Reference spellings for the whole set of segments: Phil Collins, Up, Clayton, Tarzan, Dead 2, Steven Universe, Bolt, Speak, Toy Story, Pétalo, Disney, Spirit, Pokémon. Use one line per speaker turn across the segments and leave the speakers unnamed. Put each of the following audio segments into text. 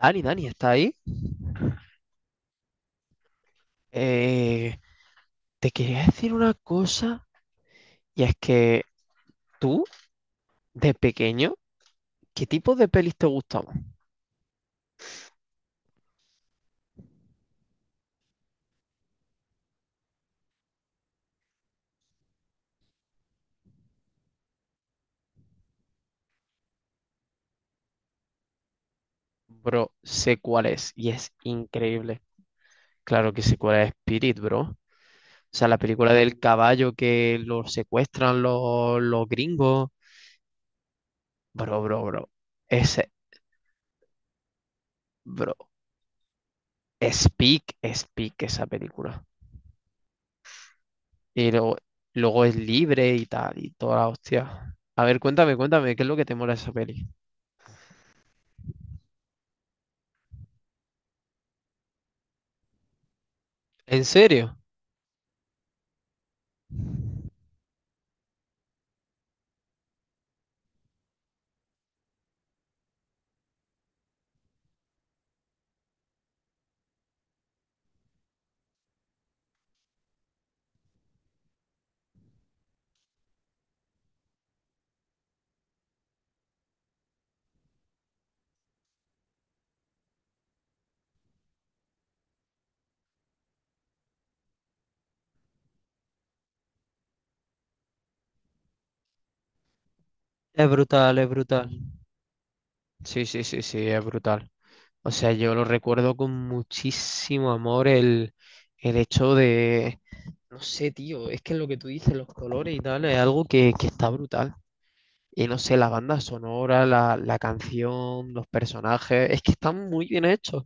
Dani, Dani, ¿está ahí? Eh, Te quería decir una cosa, y es que tú, de pequeño, ¿qué tipo de pelis te gustaban? Bro, sé cuál es, y es increíble. Claro que sé cuál es Spirit, bro. O sea, la película del caballo que lo secuestran los gringos. Bro, bro, bro. Ese, bro. Speak, Speak, esa película. Y luego es libre y tal, y toda la hostia. A ver, cuéntame, cuéntame, ¿qué es lo que te mola de esa peli? ¿En serio? Es brutal, es brutal. Sí, sí, sí, sí, es brutal. O sea, yo lo recuerdo con muchísimo amor el hecho de, no sé, tío, es que lo que tú dices, los colores y tal, es algo que está brutal. Y no sé, la banda sonora, la canción, los personajes, es que están muy bien hechos.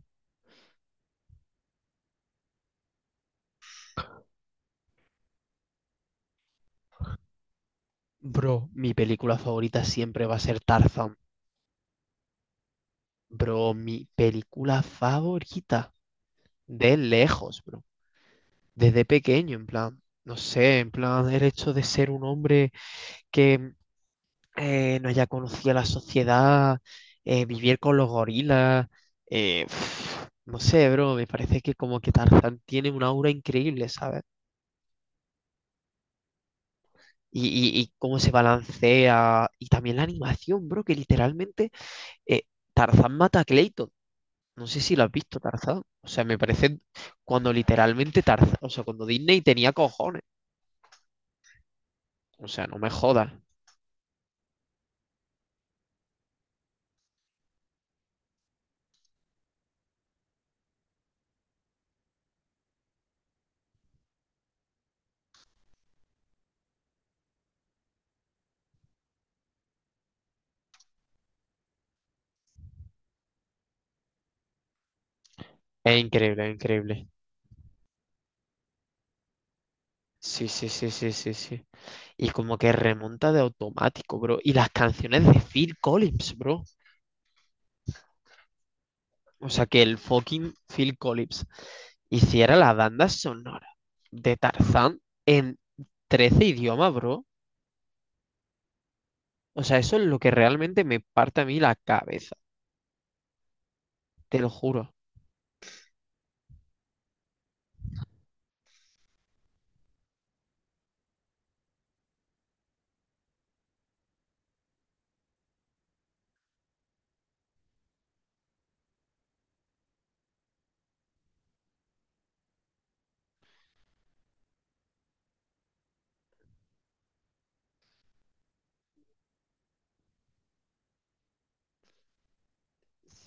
Bro, mi película favorita siempre va a ser Tarzan. Bro, mi película favorita. De lejos, bro. Desde pequeño, en plan, no sé, en plan, el hecho de ser un hombre que mm, no haya conocido la sociedad, vivir con los gorilas, eh, no sé, bro, me parece que como que Tarzán tiene una aura increíble, ¿sabes? Y cómo se balancea, y también la animación, bro, que literalmente eh, Tarzán mata a Clayton. No sé si lo has visto, Tarzán. O sea, me parece cuando literalmente Tarzán, o sea, cuando Disney tenía cojones. O sea, no me jodas. Es increíble, es increíble. Sí, sí, sí, sí, sí, sí. Y como que remonta de automático, bro. Y las canciones de Phil Collins, bro. O sea, que el fucking Phil Collins hiciera la banda sonora de Tarzán en 13 idiomas, bro. O sea, eso es lo que realmente me parte a mí la cabeza, te lo juro.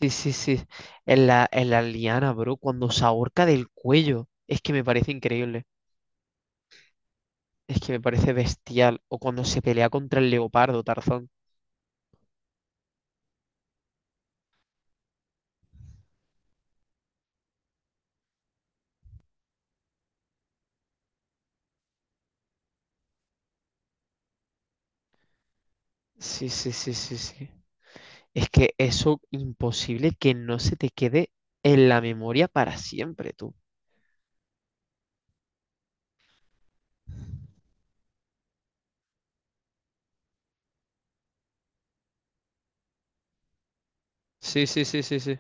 Sí, sí, sí. En la liana, bro, cuando se ahorca del cuello. Es que me parece increíble. Es que me parece bestial. O cuando se pelea contra el leopardo, Tarzán. Sí, sí, sí, sí, sí. Es que eso imposible que no se te quede en la memoria para siempre, tú. Sí, sí, sí, sí, sí.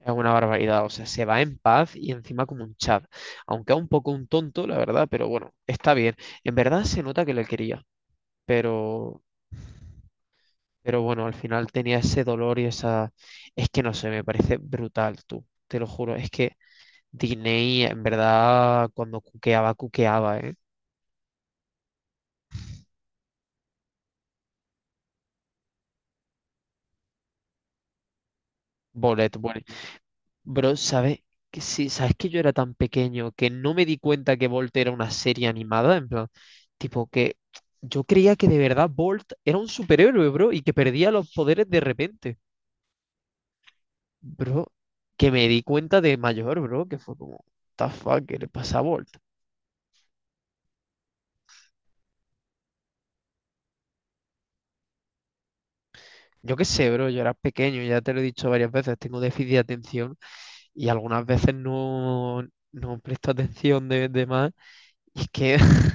Es una barbaridad, o sea, se va en paz y encima como un chat. Aunque es un poco un tonto, la verdad, pero bueno, está bien. En verdad se nota que le quería, pero, pero bueno, al final tenía ese dolor y esa... Es que no sé, me parece brutal, tú, te lo juro. Es que Diney, en verdad, cuando cuqueaba, cuqueaba, ¿eh? Bolet. Bro, ¿sabes que sí? ¿Sabes que yo era tan pequeño que no me di cuenta que Bolt era una serie animada? En plan, tipo que yo creía que de verdad Bolt era un superhéroe, bro, y que perdía los poderes de repente. Bro, que me di cuenta de mayor, bro, que fue como, "What the fuck, ¿qué le pasa a Bolt?". Yo qué sé, bro, yo era pequeño, ya te lo he dicho varias veces, tengo déficit de atención y algunas veces no presto atención de más. Y es que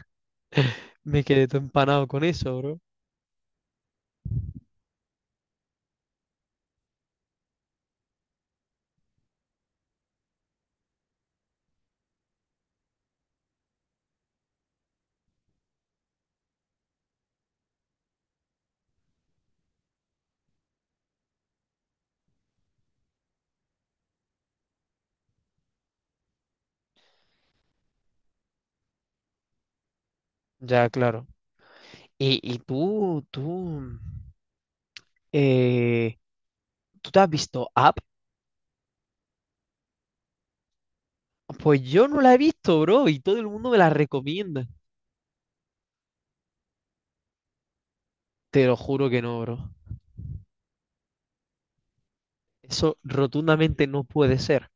me quedé todo empanado con eso, bro. Ya, claro. Y eh, ¿tú te has visto Up? Pues yo no la he visto, bro, y todo el mundo me la recomienda. Te lo juro que no, bro. Eso rotundamente no puede ser.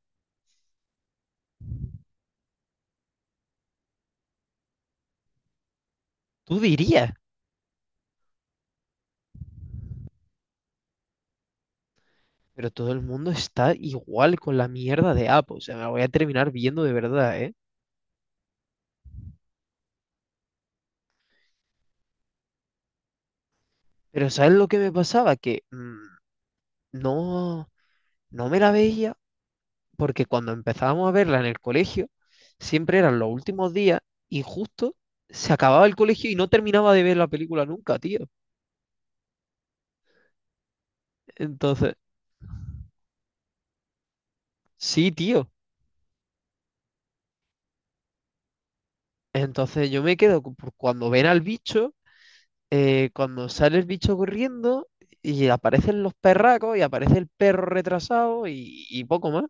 Tú dirías, pero todo el mundo está igual con la mierda de Up. O sea, me la voy a terminar viendo de verdad, ¿eh? Pero ¿sabes lo que me pasaba? Que no, no me la veía, porque cuando empezábamos a verla en el colegio, siempre eran los últimos días y justo se acababa el colegio y no terminaba de ver la película nunca, tío. Entonces, sí, tío. Entonces yo me quedo por cuando ven al bicho, cuando sale el bicho corriendo y aparecen los perracos y aparece el perro retrasado y poco más.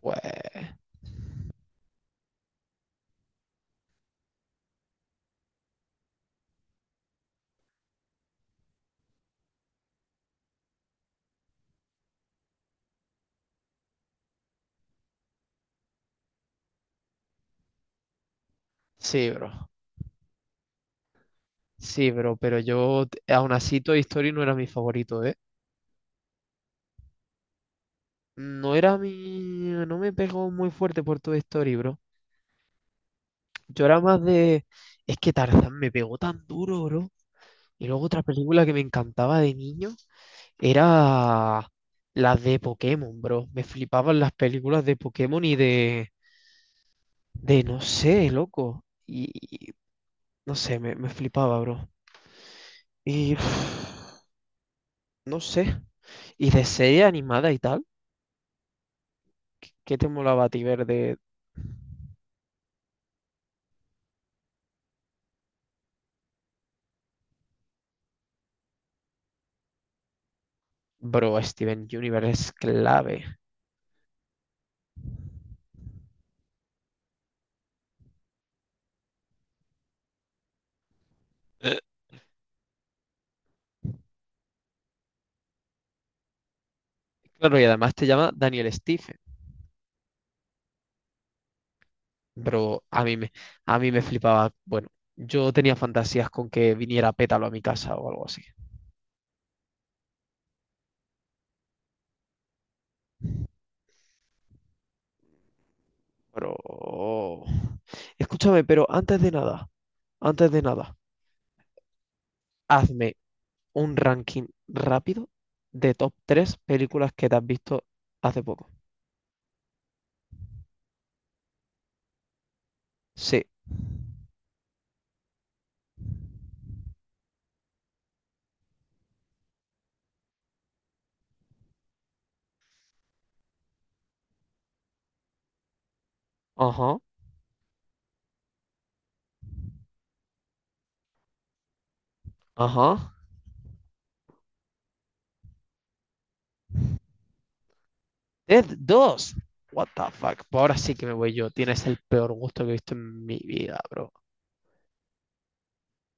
Pues sí, bro. Sí, bro, pero yo aún así Toy Story no era mi favorito, ¿eh? No era mi... No me pegó muy fuerte por Toy Story, bro. Yo era más de... Es que Tarzán me pegó tan duro, bro. Y luego otra película que me encantaba de niño era las de Pokémon, bro. Me flipaban las películas de Pokémon y de... De no sé, loco. Y... no sé, me flipaba, bro. Y... no sé. Y de serie animada y tal. ¿Qué te molaba a ti ver de...? Bro, Steven Universe es clave. Eh, Claro, y además te llama Daniel Stephen. Pero a mí me flipaba. Bueno, yo tenía fantasías con que viniera Pétalo a mi casa o algo así. Pero... oh, escúchame, pero antes de nada, hazme un ranking rápido de top 3 películas que te has visto hace poco. Sí. Ajá, ajá. Dead 2. What the fuck. Pues ahora sí que me voy yo. Tienes el peor gusto que he visto en mi vida, bro.